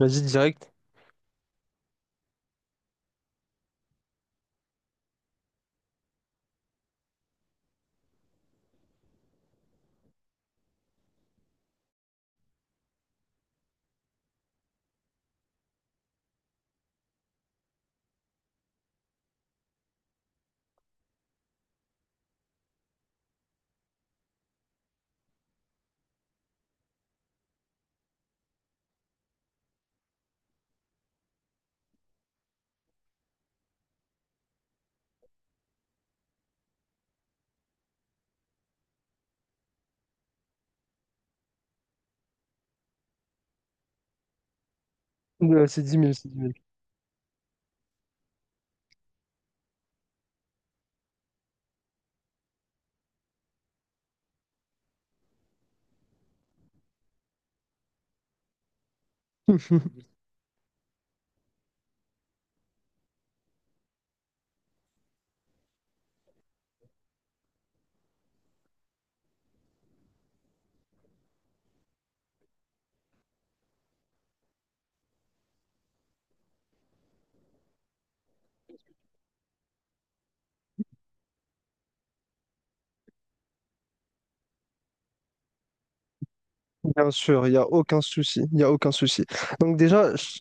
Vas-y, direct. C'est dix mille. Bien sûr, il n'y a aucun souci. Il n'y a aucun souci. Donc déjà,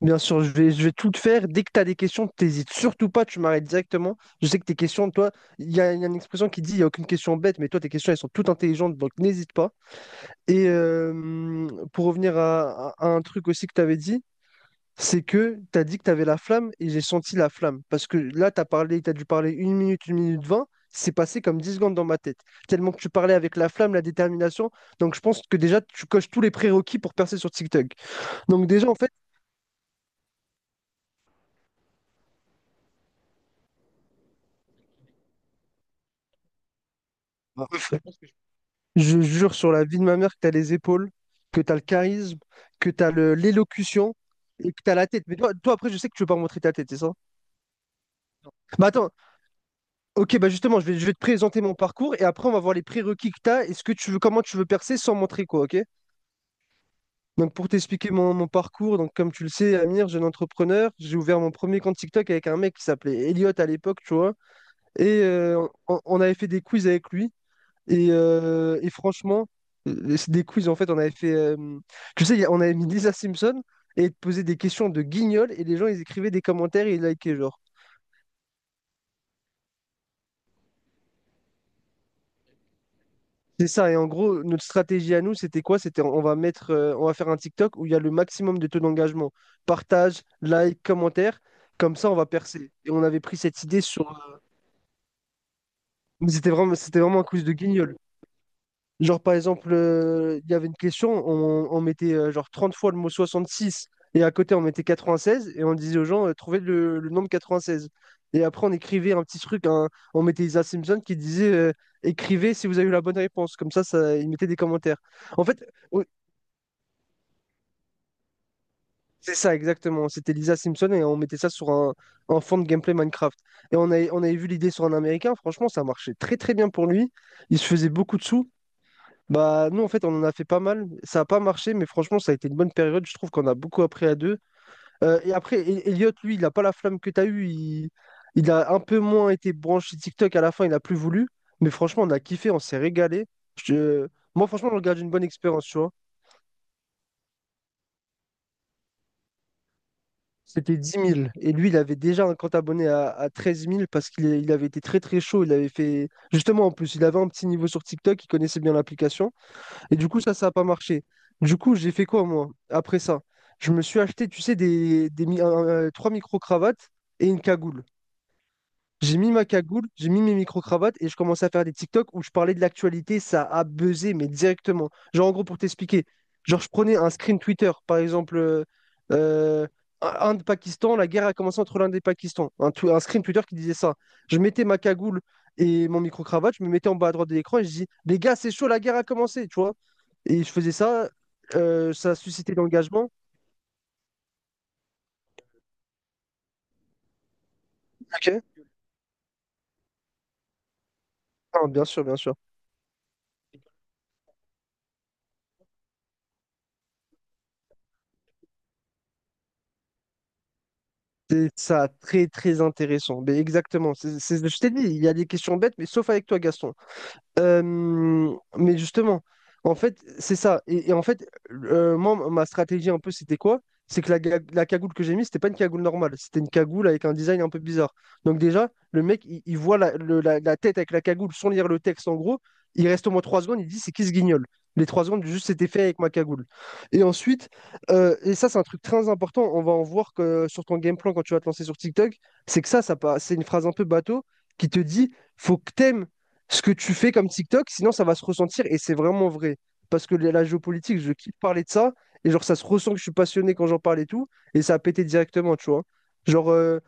bien sûr, je vais tout te faire. Dès que tu as des questions, t'hésites surtout pas, tu m'arrêtes directement. Je sais que tes questions, toi, il y a une expression qui dit il n'y a aucune question bête, mais toi, tes questions, elles sont toutes intelligentes, donc n'hésite pas. Et pour revenir à un truc aussi que tu avais dit, c'est que tu as dit que tu avais la flamme et j'ai senti la flamme. Parce que là, tu as parlé, tu as dû parler 1 minute 20, c'est passé comme 10 secondes dans ma tête. Tellement que tu parlais avec la flamme, la détermination. Donc je pense que déjà, tu coches tous les prérequis pour percer sur TikTok. Donc déjà, en fait, ah, je jure sur la vie de ma mère que tu as les épaules, que tu as le charisme, que tu as l'élocution et que tu as la tête. Mais toi, toi, après, je sais que tu veux pas montrer ta tête, c'est ça? Bah attends, ok, bah justement, je vais te présenter mon parcours et après, on va voir les prérequis que tu as et ce que tu veux, comment tu veux percer sans montrer quoi, ok? Donc pour t'expliquer mon parcours, donc comme tu le sais, Amir, jeune entrepreneur, j'ai ouvert mon premier compte TikTok avec un mec qui s'appelait Elliot à l'époque, tu vois. Et on avait fait des quiz avec lui. Et franchement, c'est des quiz, en fait, on avait fait... tu sais, on avait mis Lisa Simpson et il te posait des questions de guignol et les gens, ils écrivaient des commentaires et ils likaient, genre. C'est ça, et en gros, notre stratégie à nous, c'était quoi? C'était on va faire un TikTok où il y a le maximum de taux d'engagement. Partage, like, commentaire, comme ça on va percer. Et on avait pris cette idée sur. Mais c'était vraiment un quiz de guignol. Genre par exemple, il y avait une question, on mettait genre 30 fois le mot 66 et à côté on mettait 96 et on disait aux gens, trouvez le nombre 16. Et après on écrivait un petit truc, hein, on mettait Isa Simpson qui disait, écrivez si vous avez eu la bonne réponse. Comme ça, ils mettaient des commentaires. En fait, au- c'est ça, exactement. C'était Lisa Simpson et on mettait ça sur un fond de gameplay Minecraft. Et on avait vu l'idée sur un Américain. Franchement, ça marchait très très bien pour lui. Il se faisait beaucoup de sous. Bah, nous, en fait, on en a fait pas mal. Ça n'a pas marché, mais franchement, ça a été une bonne période. Je trouve qu'on a beaucoup appris à deux. Et après, Elliot, lui, il n'a pas la flamme que tu as eue. Il a un peu moins été branché TikTok à la fin. Il n'a plus voulu. Mais franchement, on a kiffé, on s'est régalé. Je- Moi, franchement, on regarde une bonne expérience, tu vois. C'était 10 000. Et lui, il avait déjà un compte abonné à 13 000 parce qu'il est- il avait été très très chaud. Il avait fait. Justement, en plus, il avait un petit niveau sur TikTok, il connaissait bien l'application. Et du coup, ça n'a pas marché. Du coup, j'ai fait quoi, moi, après ça? Je me suis acheté, tu sais, des mi- un- trois micro-cravates et une cagoule. J'ai mis ma cagoule, j'ai mis mes micro-cravates et je commençais à faire des TikTok où je parlais de l'actualité, ça a buzzé, mais directement. Genre, en gros, pour t'expliquer, genre, je prenais un screen Twitter, par exemple, euh, Inde-Pakistan, la guerre a commencé entre l'Inde et le Pakistan. Un screen Twitter qui disait ça. Je mettais ma cagoule et mon micro-cravate, je me mettais en bas à droite de l'écran et je dis, les gars, c'est chaud, la guerre a commencé, tu vois. Et je faisais ça, ça suscitait de l'engagement. Ok. Ah, bien sûr, bien sûr. C'est ça, très très intéressant. Mais exactement. Je t'ai dit, il y a des questions bêtes, mais sauf avec toi, Gaston. Mais justement, en fait, c'est ça. Et en fait, moi, ma stratégie un peu, c'était quoi? C'est que la cagoule que j'ai mise, c'était pas une cagoule normale. C'était une cagoule avec un design un peu bizarre. Donc déjà, le mec, il voit la tête avec la cagoule sans lire le texte, en gros. Il reste au moins 3 secondes, il dit, c'est qui ce guignol? Les trois secondes, juste, c'était fait avec ma cagoule. Et ensuite, ça, c'est un truc très important, on va en voir que sur ton game plan quand tu vas te lancer sur TikTok, c'est que ça, c'est une phrase un peu bateau qui te dit, faut que t'aimes ce que tu fais comme TikTok, sinon ça va se ressentir et c'est vraiment vrai. Parce que la géopolitique, je kiffe parler de ça et genre ça se ressent que je suis passionné quand j'en parle et tout et ça a pété directement, tu vois. Genre,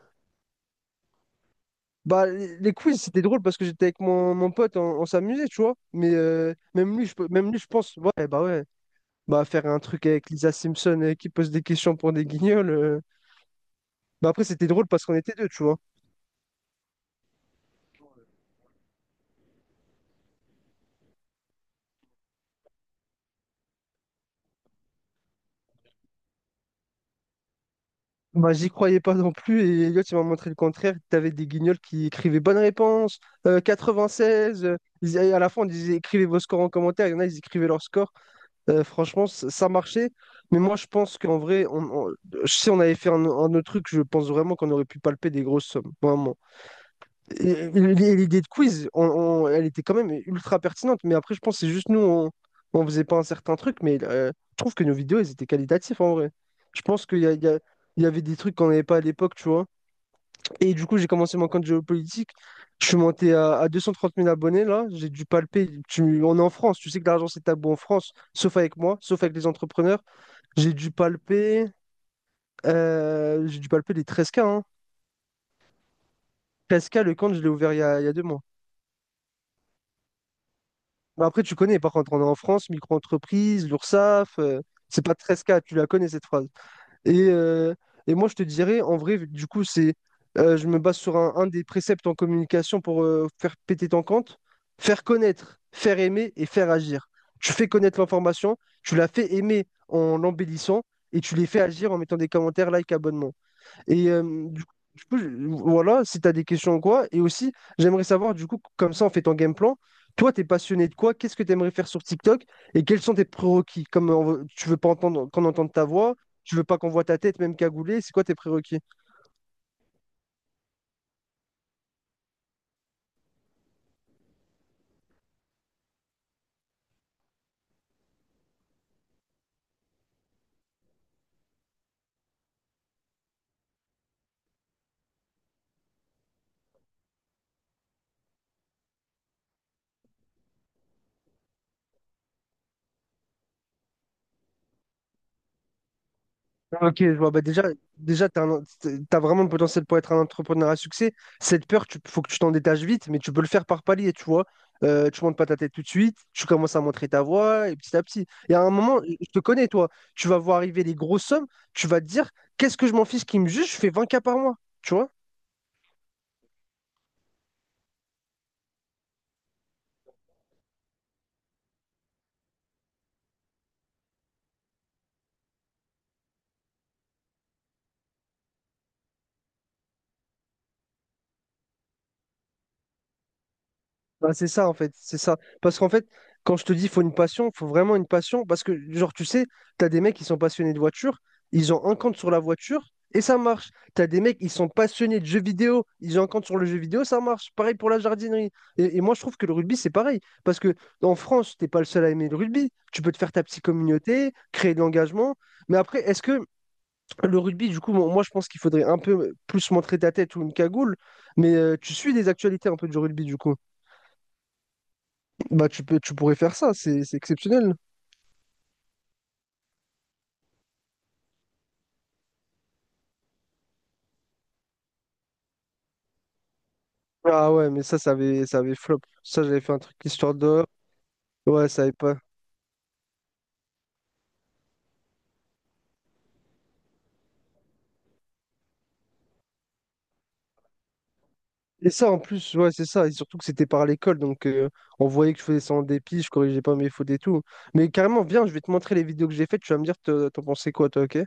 bah, les quiz c'était drôle parce que j'étais avec mon pote, on s'amusait, tu vois. Mais même lui, même lui, je pense, ouais, bah faire un truc avec Lisa Simpson qui pose des questions pour des guignols. Bah après, c'était drôle parce qu'on était deux, tu vois. Bah, j'y croyais pas non plus, et Elliot, il m'a montré le contraire. T'avais des guignols qui écrivaient bonne réponse, 96. À la fin, on disait écrivez vos scores en commentaire. Il y en a, ils écrivaient leur score. Franchement, ça marchait. Mais moi, je pense qu'en vrai, on- si on avait fait un autre truc, je pense vraiment qu'on aurait pu palper des grosses sommes. Vraiment. Et l'idée de quiz, elle était quand même ultra pertinente, mais après, je pense que c'est juste nous, on faisait pas un certain truc, mais je trouve que nos vidéos, elles étaient qualitatives en vrai. Je pense qu'il y a- il y a- il y avait des trucs qu'on n'avait pas à l'époque, tu vois. Et du coup, j'ai commencé mon compte géopolitique. Je suis monté à 230 000 abonnés, là. J'ai dû palper. On est en France, tu sais que l'argent, c'est tabou en France, sauf avec moi, sauf avec les entrepreneurs. J'ai dû palper, j'ai dû palper les 13K, hein. 13K, le compte, je l'ai ouvert il y a 2 mois. Mais après, tu connais, par contre, on est en France, micro-entreprise, l'URSSAF, c'est pas 13K tu la connais cette phrase. Et, euh, et moi, je te dirais, en vrai, du coup, je me base sur un des préceptes en communication pour faire péter ton compte, faire connaître, faire aimer et faire agir. Tu fais connaître l'information, tu la fais aimer en l'embellissant et tu les fais agir en mettant des commentaires, like, abonnement. Et du coup, voilà, si tu as des questions ou quoi, et aussi, j'aimerais savoir, du coup, comme ça, on fait ton game plan. Toi, t'es passionné de quoi? Qu'est-ce que tu aimerais faire sur TikTok? Et quels sont tes prérequis? Comme tu veux pas entendre qu'on entende ta voix, tu veux pas qu'on voit ta tête, même cagoulée, c'est quoi tes prérequis? Ah, ok, je vois. Bah déjà tu as, vraiment le potentiel pour être un entrepreneur à succès. Cette peur, il faut que tu t'en détaches vite, mais tu peux le faire par palier, tu vois. Tu montes pas ta tête tout de suite, tu commences à montrer ta voix, et petit à petit. Et à un moment, je te connais, toi, tu vas voir arriver des grosses sommes, tu vas te dire, qu'est-ce que je m'en fiche qui me juge, je fais 20K par mois, tu vois. Bah, c'est ça en fait, c'est ça. Parce qu'en fait, quand je te dis faut une passion, faut vraiment une passion. Parce que, genre, tu sais, t'as des mecs qui sont passionnés de voiture, ils ont un compte sur la voiture et ça marche. T'as des mecs qui sont passionnés de jeux vidéo, ils ont un compte sur le jeu vidéo, ça marche. Pareil pour la jardinerie. Et moi, je trouve que le rugby, c'est pareil. Parce que en France, t'es pas le seul à aimer le rugby. Tu peux te faire ta petite communauté, créer de l'engagement. Mais après, est-ce que le rugby, du coup, moi, moi, je pense qu'il faudrait un peu plus montrer ta tête ou une cagoule. Mais tu suis des actualités un peu du rugby, du coup. Bah, tu pourrais faire ça, c'est exceptionnel. Ah ouais, mais ça, ça avait flop. Ça, j'avais fait un truc histoire de. Ouais, ça avait pas. Et ça, en plus, ouais, c'est ça. Et surtout que c'était par l'école, donc on voyait que je faisais ça en dépit, je corrigeais pas mes fautes et tout. Mais carrément, viens, je vais te montrer les vidéos que j'ai faites, tu vas me dire, t'en pensais quoi, toi, ok?